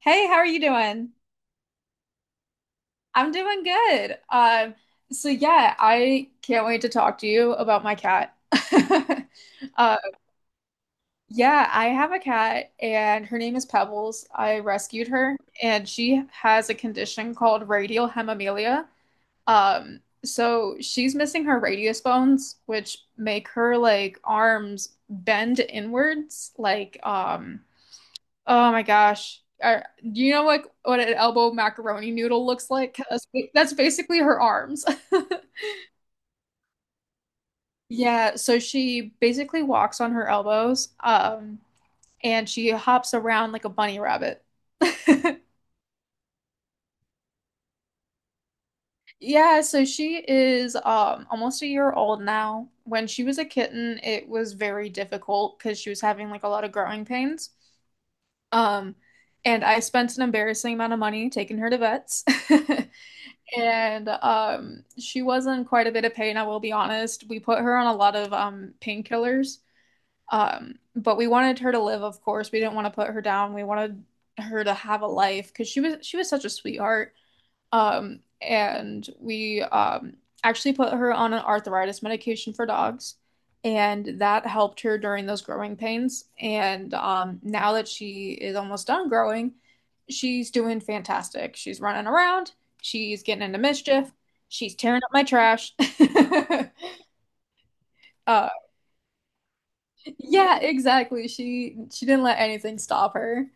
Hey, how are you doing? I'm doing good. So yeah, I can't wait to talk to you about my cat. Uh, yeah, I have a cat and her name is Pebbles. I rescued her and she has a condition called radial hemimelia. So she's missing her radius bones, which make her like arms bend inwards, like oh my gosh. Do you know like what an elbow macaroni noodle looks like? That's basically her arms. Yeah, so she basically walks on her elbows, and she hops around like a bunny rabbit. Yeah, so she is almost a year old now. When she was a kitten, it was very difficult because she was having like a lot of growing pains. Um, and I spent an embarrassing amount of money taking her to vets. And she was in quite a bit of pain, I will be honest. We put her on a lot of painkillers. But we wanted her to live, of course. We didn't want to put her down. We wanted her to have a life because she was such a sweetheart. And we Actually put her on an arthritis medication for dogs, and that helped her during those growing pains. And now that she is almost done growing, she's doing fantastic. She's running around, she's getting into mischief, she's tearing up my trash. uh, yeah, exactly. She didn't let anything stop her.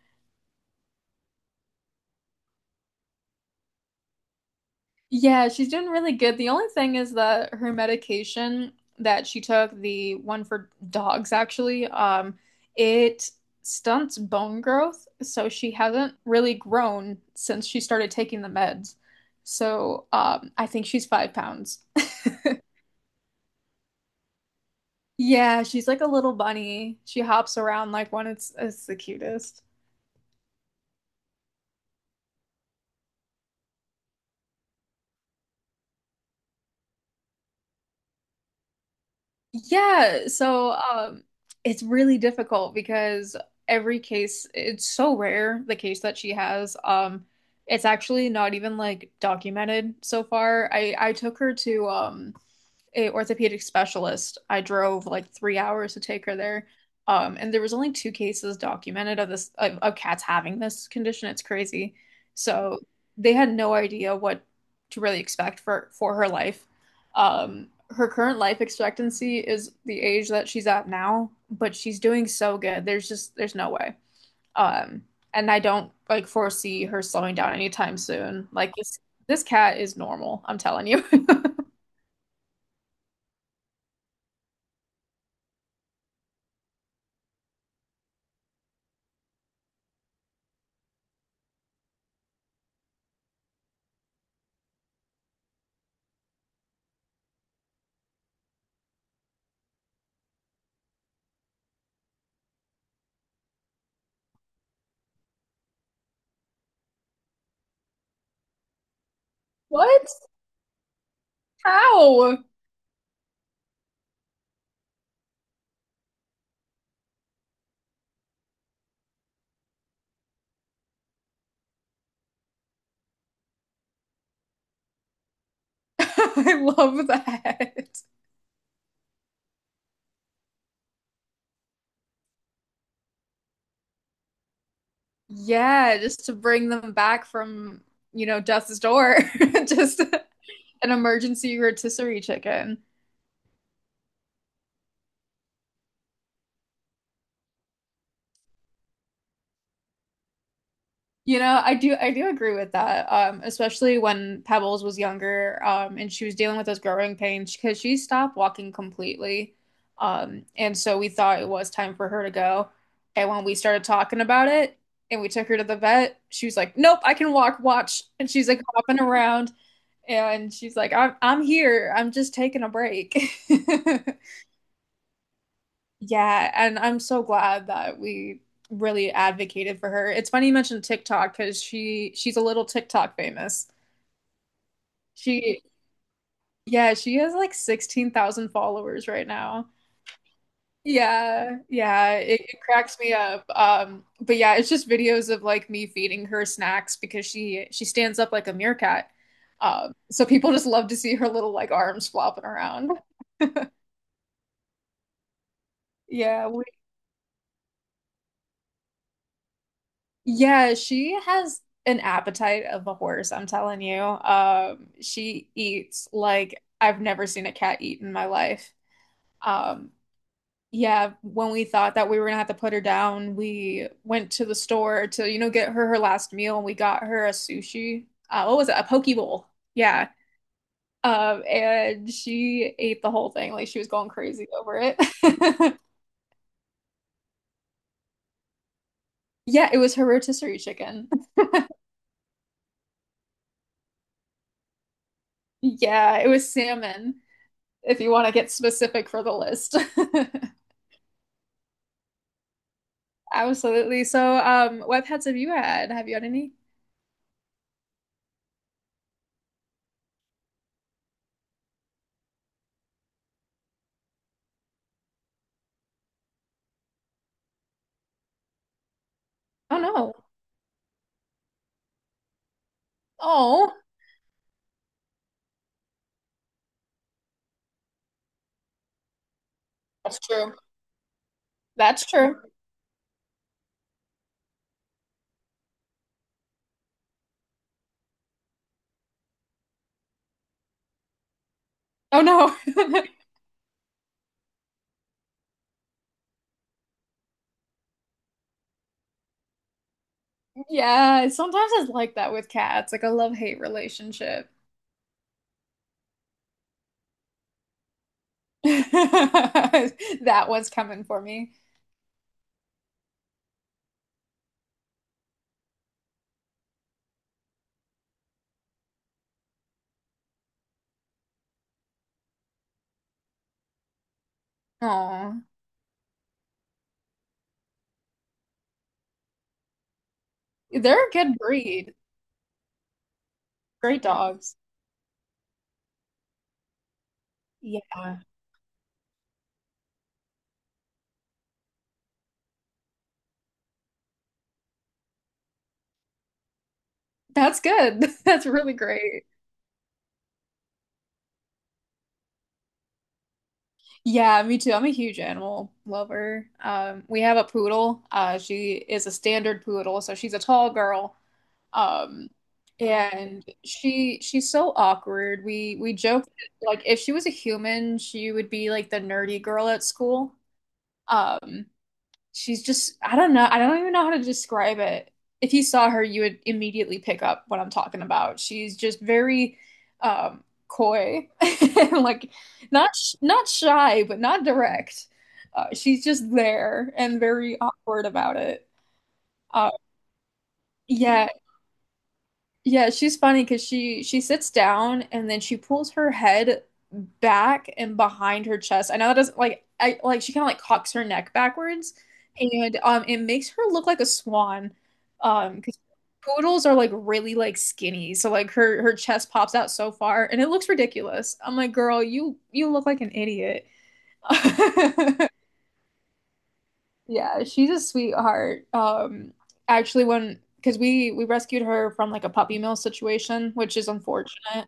Yeah, she's doing really good. The only thing is that her medication that she took, the one for dogs actually, it stunts bone growth, so she hasn't really grown since she started taking the meds. So, I think she's 5 pounds. Yeah, she's like a little bunny. She hops around like one. It's the cutest. Yeah, so it's really difficult because every case, it's so rare, the case that she has. It's actually not even like documented so far. I took her to a orthopedic specialist. I drove like 3 hours to take her there. And there was only 2 cases documented of this of cats having this condition. It's crazy. So they had no idea what to really expect for her life. Her current life expectancy is the age that she's at now, but she's doing so good. There's just there's no way. Um, and I don't like foresee her slowing down anytime soon. Like this cat is normal, I'm telling you. What? How? I love that. Yeah, just to bring them back from, death's door. Just an emergency rotisserie chicken. You know, I do agree with that. Especially when Pebbles was younger, and she was dealing with those growing pains because she stopped walking completely. And so we thought it was time for her to go. And when we started talking about it and we took her to the vet, she was like, Nope, I can walk, watch. And she's like hopping around and she's like, I'm here. I'm just taking a break. Yeah, and I'm so glad that we really advocated for her. It's funny you mentioned TikTok because she's a little TikTok famous. She yeah, she has like 16,000 followers right now. Yeah, yeah, it cracks me up. But yeah, it's just videos of like me feeding her snacks because she stands up like a meerkat. So people just love to see her little like arms flopping around. Yeah, yeah, she has an appetite of a horse, I'm telling you. She eats like I've never seen a cat eat in my life. Um, yeah, when we thought that we were gonna have to put her down, we went to the store to, get her her last meal and we got her a sushi. What was it? A poke bowl. Yeah. And she ate the whole thing. Like she was going crazy over it. Yeah, it was her rotisserie chicken. Yeah, it was salmon. If you want to get specific for the list. Absolutely. So, what pets have you had? Have you had any? Oh no. Oh, that's true. That's true. Oh no. Yeah, sometimes it's like that with cats, like a love-hate relationship. That one's coming for me. Oh, they're a good breed. Great dogs. Yeah, that's good. That's really great. Yeah, me too. I'm a huge animal lover. We have a poodle. She is a standard poodle, so she's a tall girl. Um, and she's so awkward. We joke that, like if she was a human, she would be like the nerdy girl at school. Um, she's just I don't know. I don't even know how to describe it. If you saw her, you would immediately pick up what I'm talking about. She's just very coy, like not shy, but not direct. She's just there and very awkward about it. Uh, yeah, yeah, she's funny because she sits down and then she pulls her head back and behind her chest. I know that doesn't like I like she kind of like cocks her neck backwards and it makes her look like a swan. Because poodles are like really like skinny. So like her chest pops out so far and it looks ridiculous. I'm like, "Girl, you look like an idiot." Yeah, she's a sweetheart. Actually, when because we rescued her from like a puppy mill situation, which is unfortunate.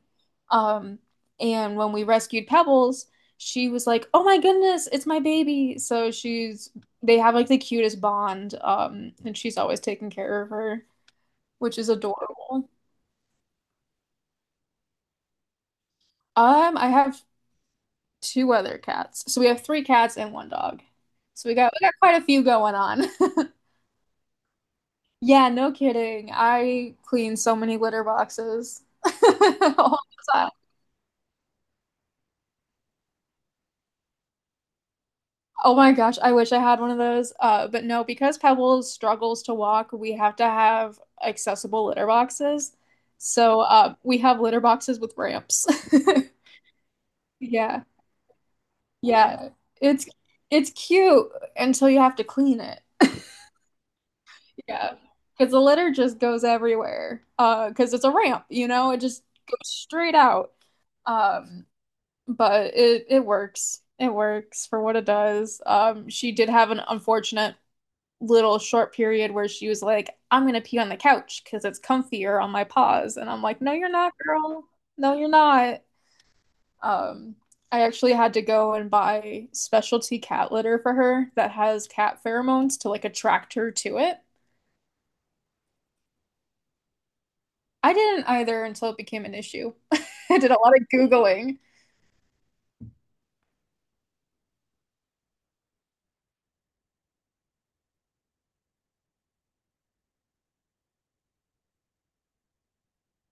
Um, and when we rescued Pebbles, she was like, "Oh my goodness, it's my baby!" So she's they have like the cutest bond. And she's always taking care of her, which is adorable. I have 2 other cats, so we have 3 cats and one dog. So we got quite a few going on. Yeah, no kidding. I clean so many litter boxes all the time. Oh my gosh, I wish I had one of those. But no, because Pebbles struggles to walk, we have to have accessible litter boxes. So we have litter boxes with ramps. Yeah, yeah. It's it's cute until you have to clean it. Yeah, because the litter just goes everywhere. Because it's a ramp, you know, it just goes straight out. Um, but it works. It works for what it does. She did have an unfortunate little short period where she was like, "I'm gonna pee on the couch because it's comfier on my paws," and I'm like, "No, you're not, girl. No, you're not." Um, I actually had to go and buy specialty cat litter for her that has cat pheromones to like attract her to it. I didn't either until it became an issue. I did a lot of Googling.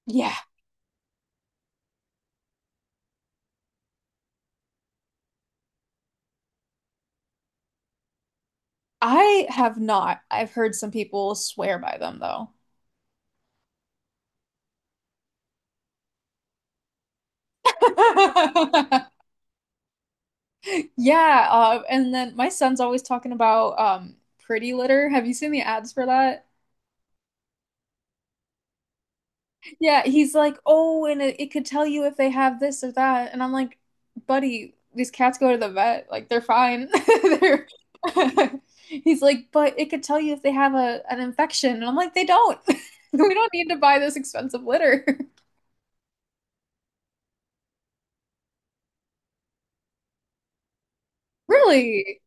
Yeah, I have not. I've heard some people swear by them though. Yeah, and then my son's always talking about Pretty Litter. Have you seen the ads for that? Yeah, he's like, "Oh, and it could tell you if they have this or that." And I'm like, "Buddy, these cats go to the vet. Like they're fine." They're he's like, "But it could tell you if they have a an infection." And I'm like, "They don't. We don't need to buy this expensive litter." Really?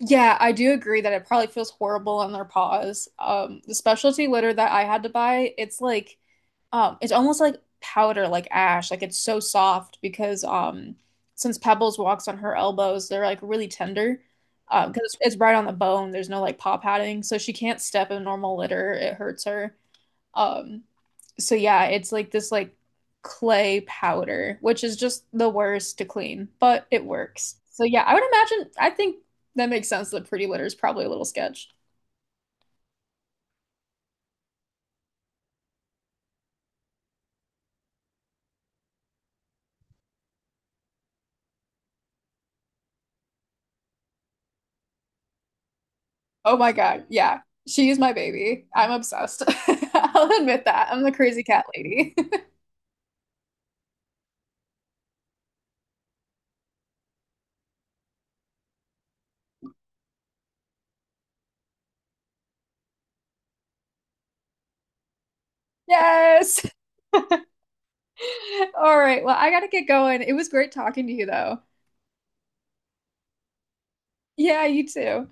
Yeah, I do agree that it probably feels horrible on their paws. The specialty litter that I had to buy, it's like it's almost like powder, like ash, like it's so soft because since Pebbles walks on her elbows, they're like really tender because it's right on the bone. There's no like paw padding, so she can't step in normal litter. It hurts her. Um, so yeah, it's like this like clay powder, which is just the worst to clean, but it works. So yeah, I would imagine, I think that makes sense that Pretty Litter is probably a little sketch. Oh my God. Yeah. She is my baby. I'm obsessed. I'll admit that. I'm the crazy cat lady. Yes. All right. Well, I gotta get going. It was great talking to you, though. Yeah, you too.